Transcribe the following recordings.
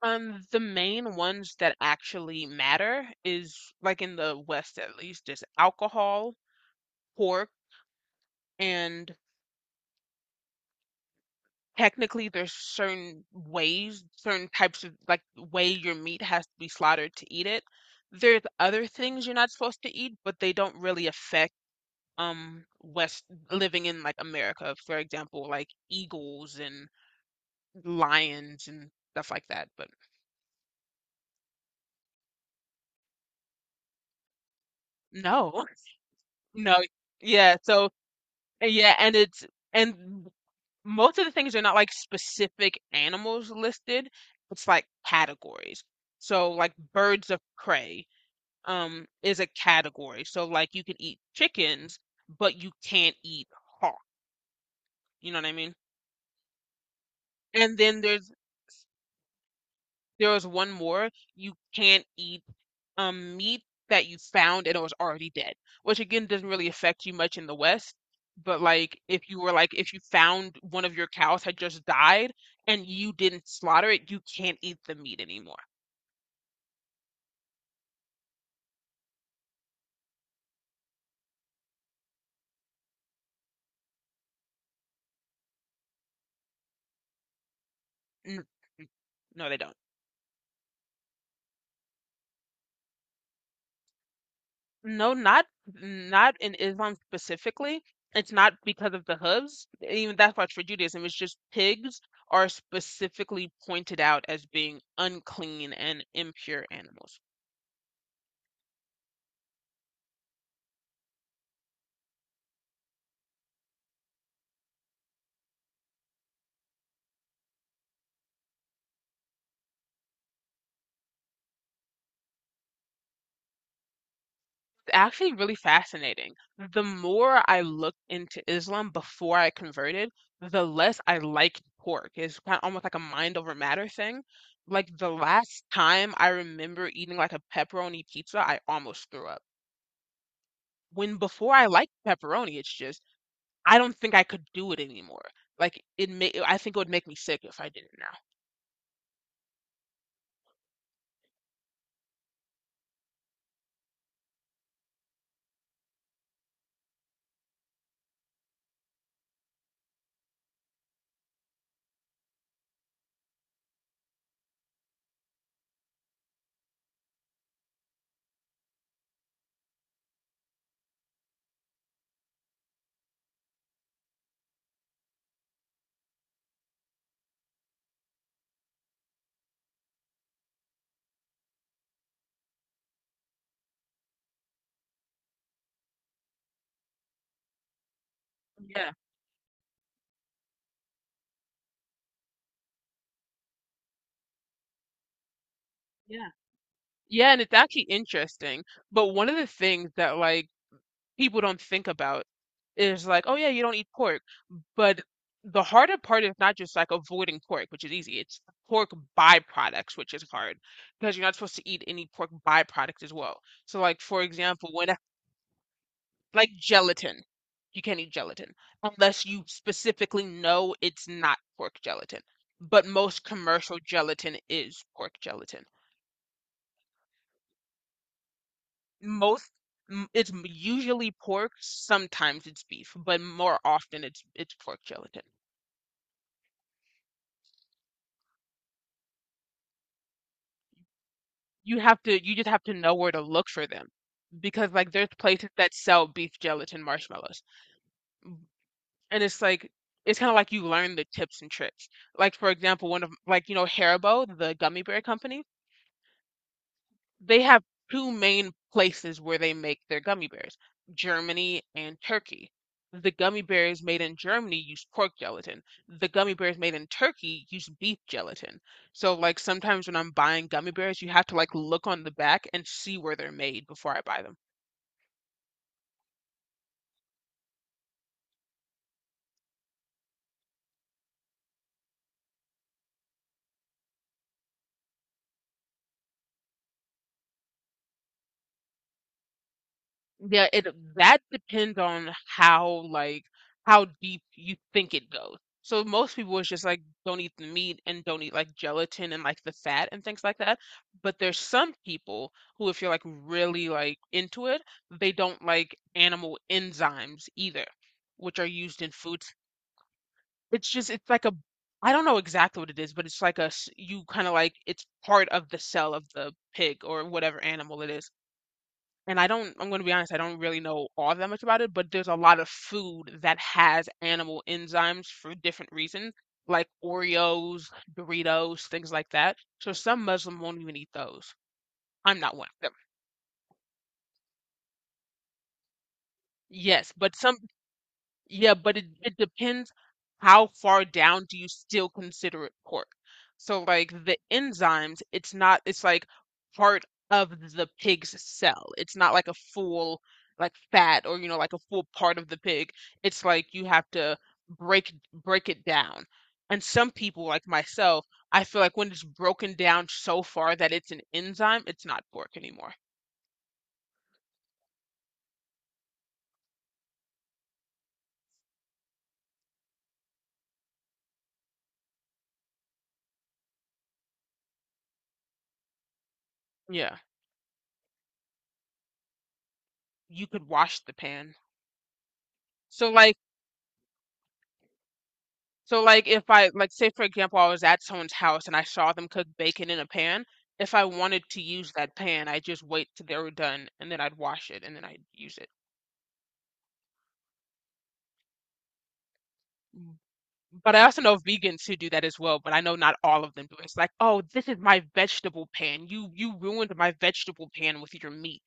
The main ones that actually matter is, like, in the West at least, is alcohol, pork, and technically there's certain ways, certain types of, like, way your meat has to be slaughtered to eat it. There's other things you're not supposed to eat, but they don't really affect West, living in like America, for example, like eagles and lions and stuff like that. But no, no, yeah, so yeah, and it's and most of the things are not like specific animals listed. It's like categories. So like birds of prey is a category. So like you can eat chickens, but you can't eat hawk. You know what I mean? And then there was one more. You can't eat meat that you found and it was already dead, which again doesn't really affect you much in the West. But like if you were like if you found one of your cows had just died and you didn't slaughter it, you can't eat the meat anymore. N- No, they don't. No, not in Islam specifically. It's not because of the hooves. Even that's why it's for Judaism. It's just pigs are specifically pointed out as being unclean and impure animals. Actually, really fascinating. The more I looked into Islam before I converted, the less I liked pork. It's kind of almost like a mind over matter thing. Like the last time I remember eating like a pepperoni pizza, I almost threw up. When before I liked pepperoni, it's just I don't think I could do it anymore. Like it may, I think it would make me sick if I did it now. Yeah, yeah. Yeah, and it's actually interesting. But one of the things that like people don't think about is like, oh yeah, you don't eat pork. But the harder part is not just like avoiding pork, which is easy. It's pork byproducts, which is hard because you're not supposed to eat any pork byproduct as well. So, like, for example, like gelatin, you can't eat gelatin unless you specifically know it's not pork gelatin. But most commercial gelatin is pork gelatin. Most it's usually pork, sometimes it's beef, but more often it's pork gelatin. You have to you just have to know where to look for them because like there's places that sell beef gelatin marshmallows, and it's like it's kind of like you learn the tips and tricks. Like, for example, one of, like, you know Haribo, the gummy bear company, they have two main places where they make their gummy bears: Germany and Turkey. The gummy bears made in Germany use pork gelatin, the gummy bears made in Turkey use beef gelatin. So like sometimes when I'm buying gummy bears, you have to like look on the back and see where they're made before I buy them. Yeah, it that depends on how like how deep you think it goes. So most people is just like don't eat the meat and don't eat like gelatin and like the fat and things like that. But there's some people who, if you're like really like into it, they don't like animal enzymes either, which are used in foods. It's just it's like a I don't know exactly what it is, but it's like a you kind of like it's part of the cell of the pig or whatever animal it is, and I don't, I'm going to be honest, I don't really know all that much about it, but there's a lot of food that has animal enzymes for different reasons, like Oreos, Doritos, things like that. So some Muslim won't even eat those. I'm not one of them. Yes, but some. Yeah, but it depends how far down do you still consider it pork. So like the enzymes, it's not it's like part of the pig's cell. It's not like a full like fat or you know like a full part of the pig. It's like you have to break it down. And some people like myself, I feel like when it's broken down so far that it's an enzyme, it's not pork anymore. Yeah. You could wash the pan. So like So like if I like say for example I was at someone's house and I saw them cook bacon in a pan, if I wanted to use that pan, I just wait till they were done and then I'd wash it and then I'd use it. Mm. But I also know vegans who do that as well, but I know not all of them do it. It's like, "Oh, this is my vegetable pan. You ruined my vegetable pan with your meat."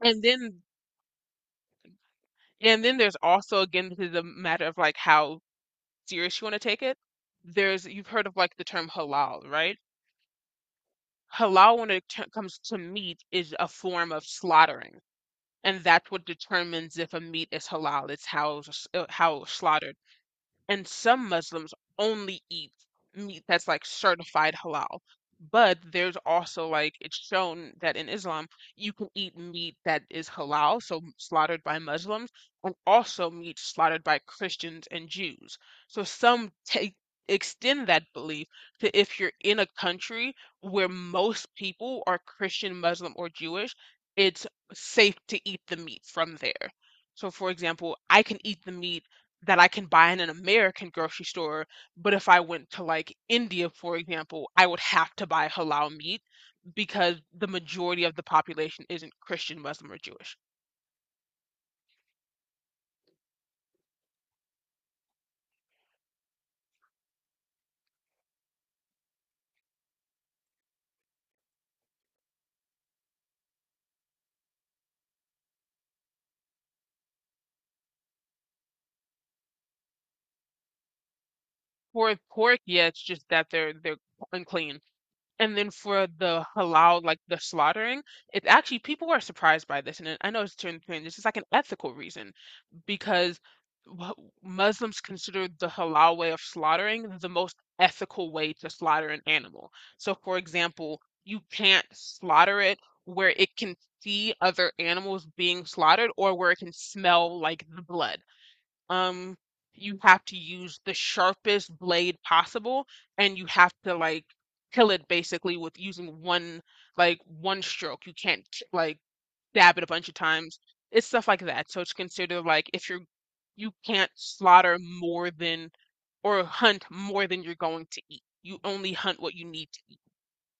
And then and then there's also, again, this is a matter of like how serious you want to take it. There's you've heard of like the term halal, right? Halal when it comes to meat is a form of slaughtering, and that's what determines if a meat is halal, it's how it's, how it's slaughtered. And some Muslims only eat meat that's like certified halal. But there's also like it's shown that in Islam you can eat meat that is halal, so slaughtered by Muslims, and also meat slaughtered by Christians and Jews. So some take extend that belief to if you're in a country where most people are Christian, Muslim, or Jewish, it's safe to eat the meat from there. So, for example, I can eat the meat that I can buy in an American grocery store. But if I went to like India, for example, I would have to buy halal meat because the majority of the population isn't Christian, Muslim, or Jewish. For pork, yeah, it's just that they're unclean. And then for the halal, like the slaughtering, it's actually people are surprised by this, and I know it's turned strange. It's just like an ethical reason because wh- Muslims consider the halal way of slaughtering the most ethical way to slaughter an animal. So, for example, you can't slaughter it where it can see other animals being slaughtered or where it can smell like the blood. um you have to use the sharpest blade possible, and you have to like kill it basically with using one like one stroke. You can't like dab it a bunch of times. It's stuff like that. So it's considered like if you're you can't slaughter more than or hunt more than you're going to eat. You only hunt what you need to eat.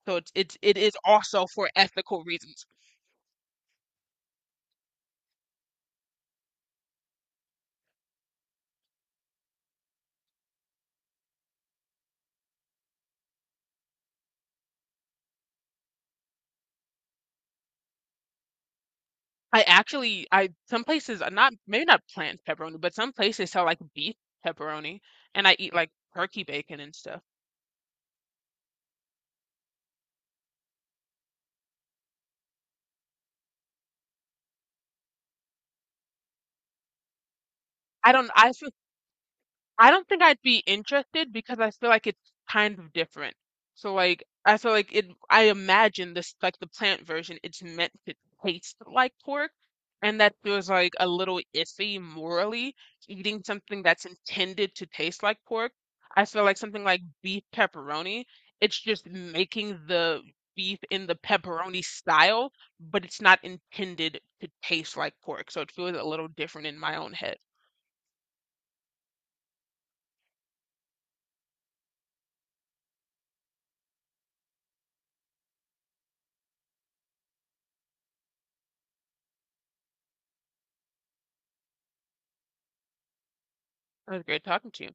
So it's it is also for ethical reasons. I some places are not maybe not plant pepperoni, but some places sell like beef pepperoni, and I eat like turkey bacon and stuff. I don't I feel I don't think I'd be interested because I feel like it's kind of different. So like I feel like it I imagine this like the plant version it's meant to taste like pork, and that feels like a little iffy morally, eating something that's intended to taste like pork. I feel like something like beef pepperoni, it's just making the beef in the pepperoni style, but it's not intended to taste like pork. So it feels a little different in my own head. It was great talking to you.